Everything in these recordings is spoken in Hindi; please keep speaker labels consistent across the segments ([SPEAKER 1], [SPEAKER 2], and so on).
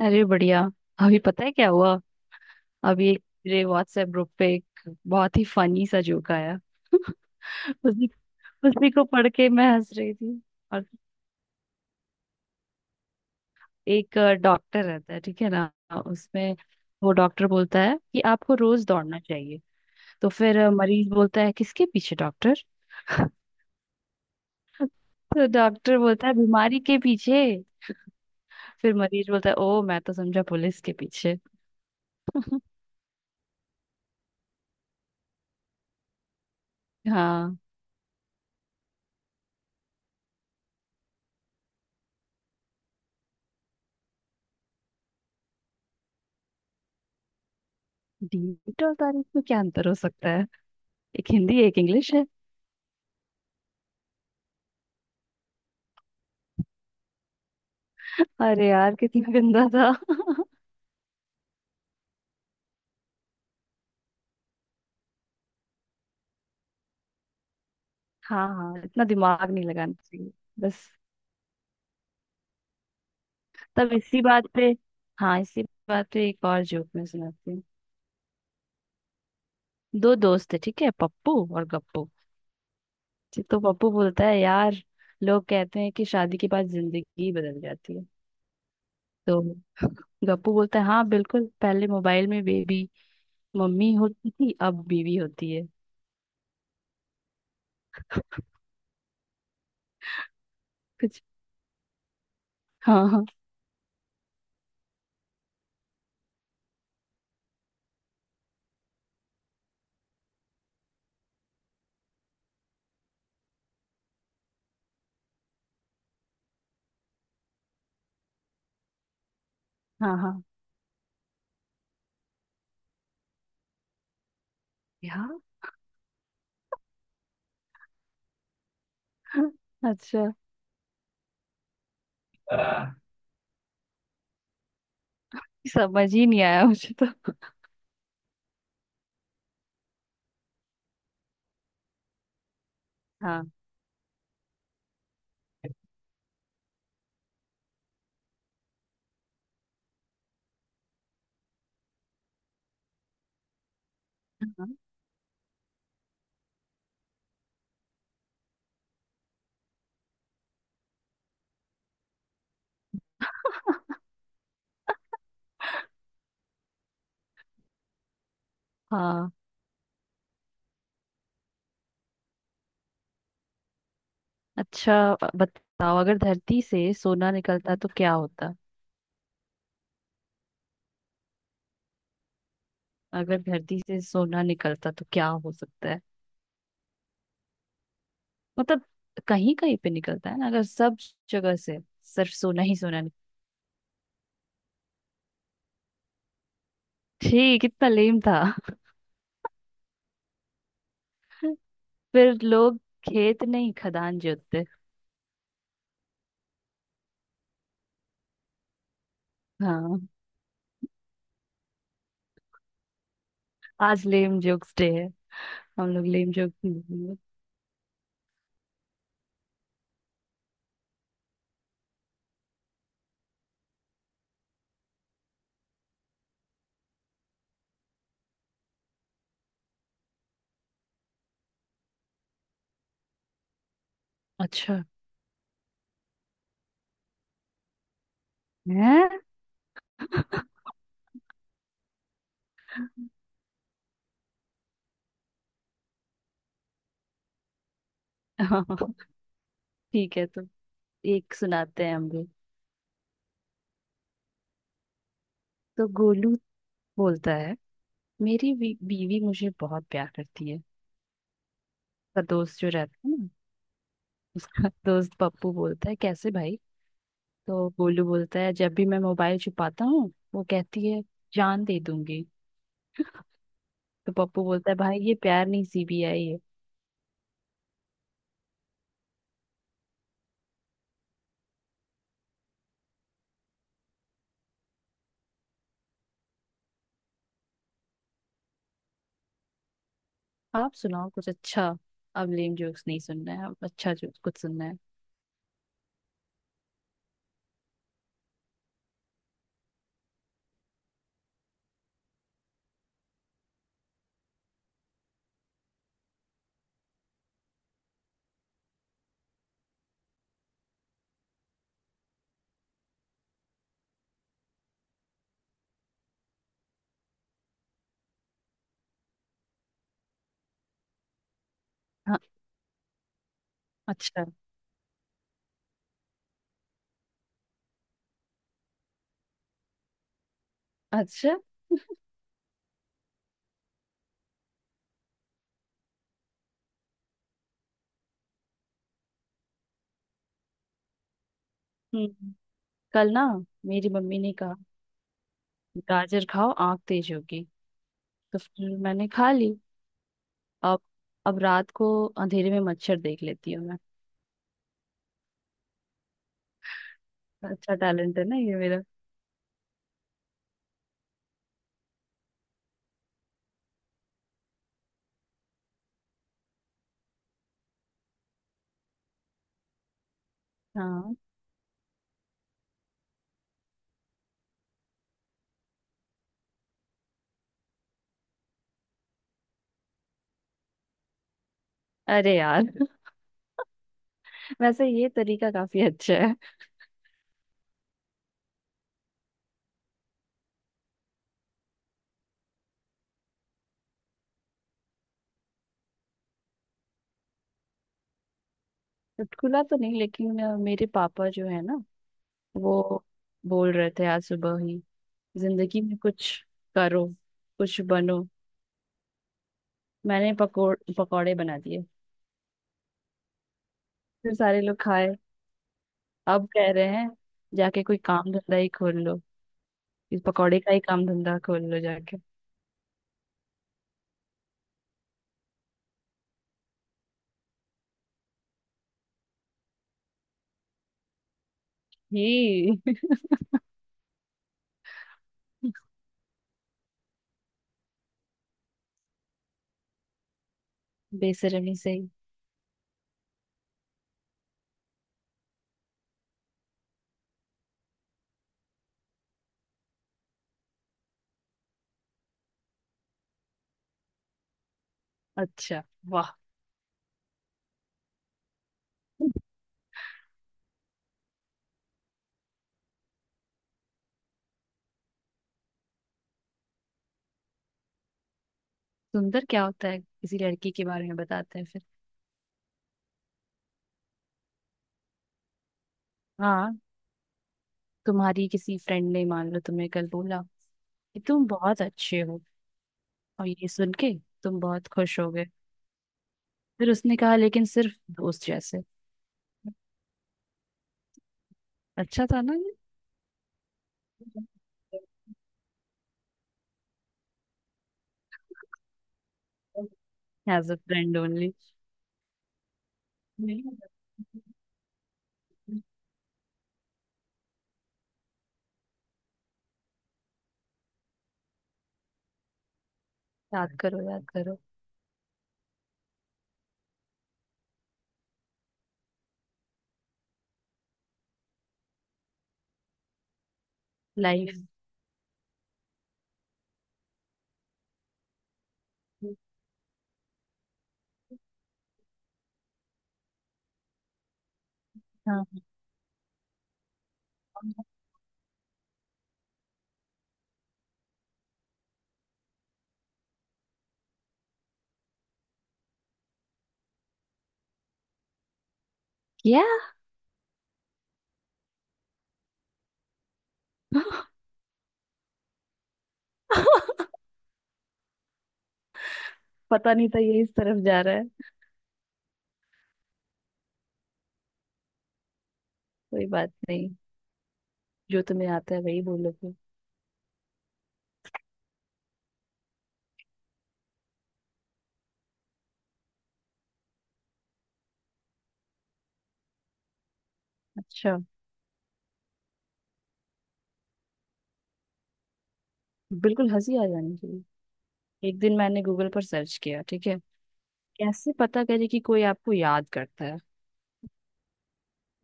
[SPEAKER 1] अरे बढ़िया। अभी पता है क्या हुआ। अभी एक मेरे व्हाट्सएप ग्रुप पे एक बहुत ही फनी सा जोक आया उसी उसी को पढ़ के मैं हंस रही थी। और एक डॉक्टर रहता है ठीक है ना। उसमें वो डॉक्टर बोलता है कि आपको रोज दौड़ना चाहिए। तो फिर मरीज बोलता है किसके पीछे डॉक्टर। तो डॉक्टर बोलता है बीमारी के पीछे। फिर मरीज बोलता है ओ मैं तो समझा पुलिस के पीछे। हाँ। डीट और तारीख में क्या अंतर हो सकता है। एक हिंदी एक इंग्लिश है। अरे यार कितना गंदा था। हाँ हाँ, इतना दिमाग नहीं लगाना चाहिए। बस तब इसी बात पे, हाँ, इसी बात पे एक और जोक मैं सुनाती हूँ। दो दोस्त है ठीक है, पप्पू और गप्पू। ठीक, तो पप्पू बोलता है यार लोग कहते हैं कि शादी के बाद जिंदगी बदल जाती है। तो गप्पू बोलता है हाँ बिल्कुल, पहले मोबाइल में बेबी मम्मी होती थी अब बीवी होती है। कुछ हाँ हाँ। हाँ हाँ यार। अच्छा, समझ ही नहीं आया मुझे तो। हाँ हाँ। अच्छा, बताओ अगर धरती से सोना निकलता तो क्या होता। अगर धरती से सोना निकलता तो क्या हो सकता है। मतलब कहीं कहीं पे निकलता है ना, अगर सब जगह से सिर्फ सोना ही सोना निकल। ठीक, कितना लेम था। फिर लोग खेत नहीं खदान जोतते। हाँ, आज लेम जोक्स डे है। हम लोग लेम जोक अच्छा है। ठीक है, तो एक सुनाते हैं हम भी। तो गोलू बोलता है मेरी बीवी मुझे बहुत प्यार करती है। उसका दोस्त जो रहता है ना, उसका दोस्त पप्पू बोलता है कैसे भाई। तो गोलू बोलता है जब भी मैं मोबाइल छुपाता हूँ वो कहती है जान दे दूंगी। तो पप्पू बोलता है भाई ये प्यार नहीं सीबीआई है। आप सुनाओ कुछ अच्छा। अब लेम जोक्स नहीं सुनना है, अब अच्छा जोक्स कुछ सुनना है। हाँ। अच्छा। अच्छा। हम्म। कल ना, मेरी मम्मी ने कहा गाजर खाओ आंख तेज होगी। तो फिर मैंने खा ली। अब अब रात को अंधेरे में मच्छर देख लेती हूँ मैं। अच्छा टैलेंट है ना ये मेरा। हाँ। अरे यार। वैसे ये तरीका काफी अच्छा है। चुटकुला तो नहीं लेकिन मेरे पापा जो है ना, वो बोल रहे थे आज सुबह ही जिंदगी में कुछ करो कुछ बनो। मैंने पकोड़ पकौड़े बना दिए, फिर सारे लोग खाए। अब कह रहे हैं जाके कोई काम धंधा ही खोल लो, इस पकौड़े का ही काम धंधा खोल लो जाके। ही। बेशर्मी से ही। अच्छा। वाह। सुंदर क्या होता है किसी लड़की के बारे में बताते हैं फिर। हाँ, तुम्हारी किसी फ्रेंड ने मान लो तुम्हें कल बोला कि तुम बहुत अच्छे हो, और ये सुन के तुम बहुत खुश हो गए। फिर उसने कहा लेकिन सिर्फ दोस्त जैसे। अच्छा था ना ये। As a friend only. याद करो याद करो। लाइफ। हाँ। क्या। पता नहीं था ये इस तरफ जा रहा है। कोई बात नहीं, जो तुम्हें आता है वही बोलोगे। अच्छा, बिल्कुल हंसी आ जानी चाहिए। एक दिन मैंने गूगल पर सर्च किया ठीक है, कैसे पता करे कि कोई आपको याद करता है।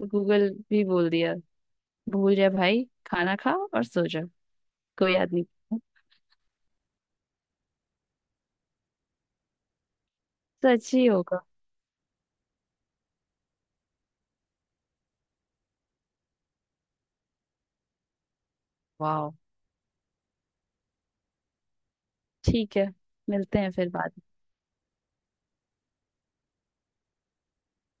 [SPEAKER 1] तो गूगल भी बोल दिया भूल जाए भाई खाना खा और सो जा, कोई याद नहीं करता। सच ही होगा। वाह। ठीक है। मिलते हैं फिर बाद।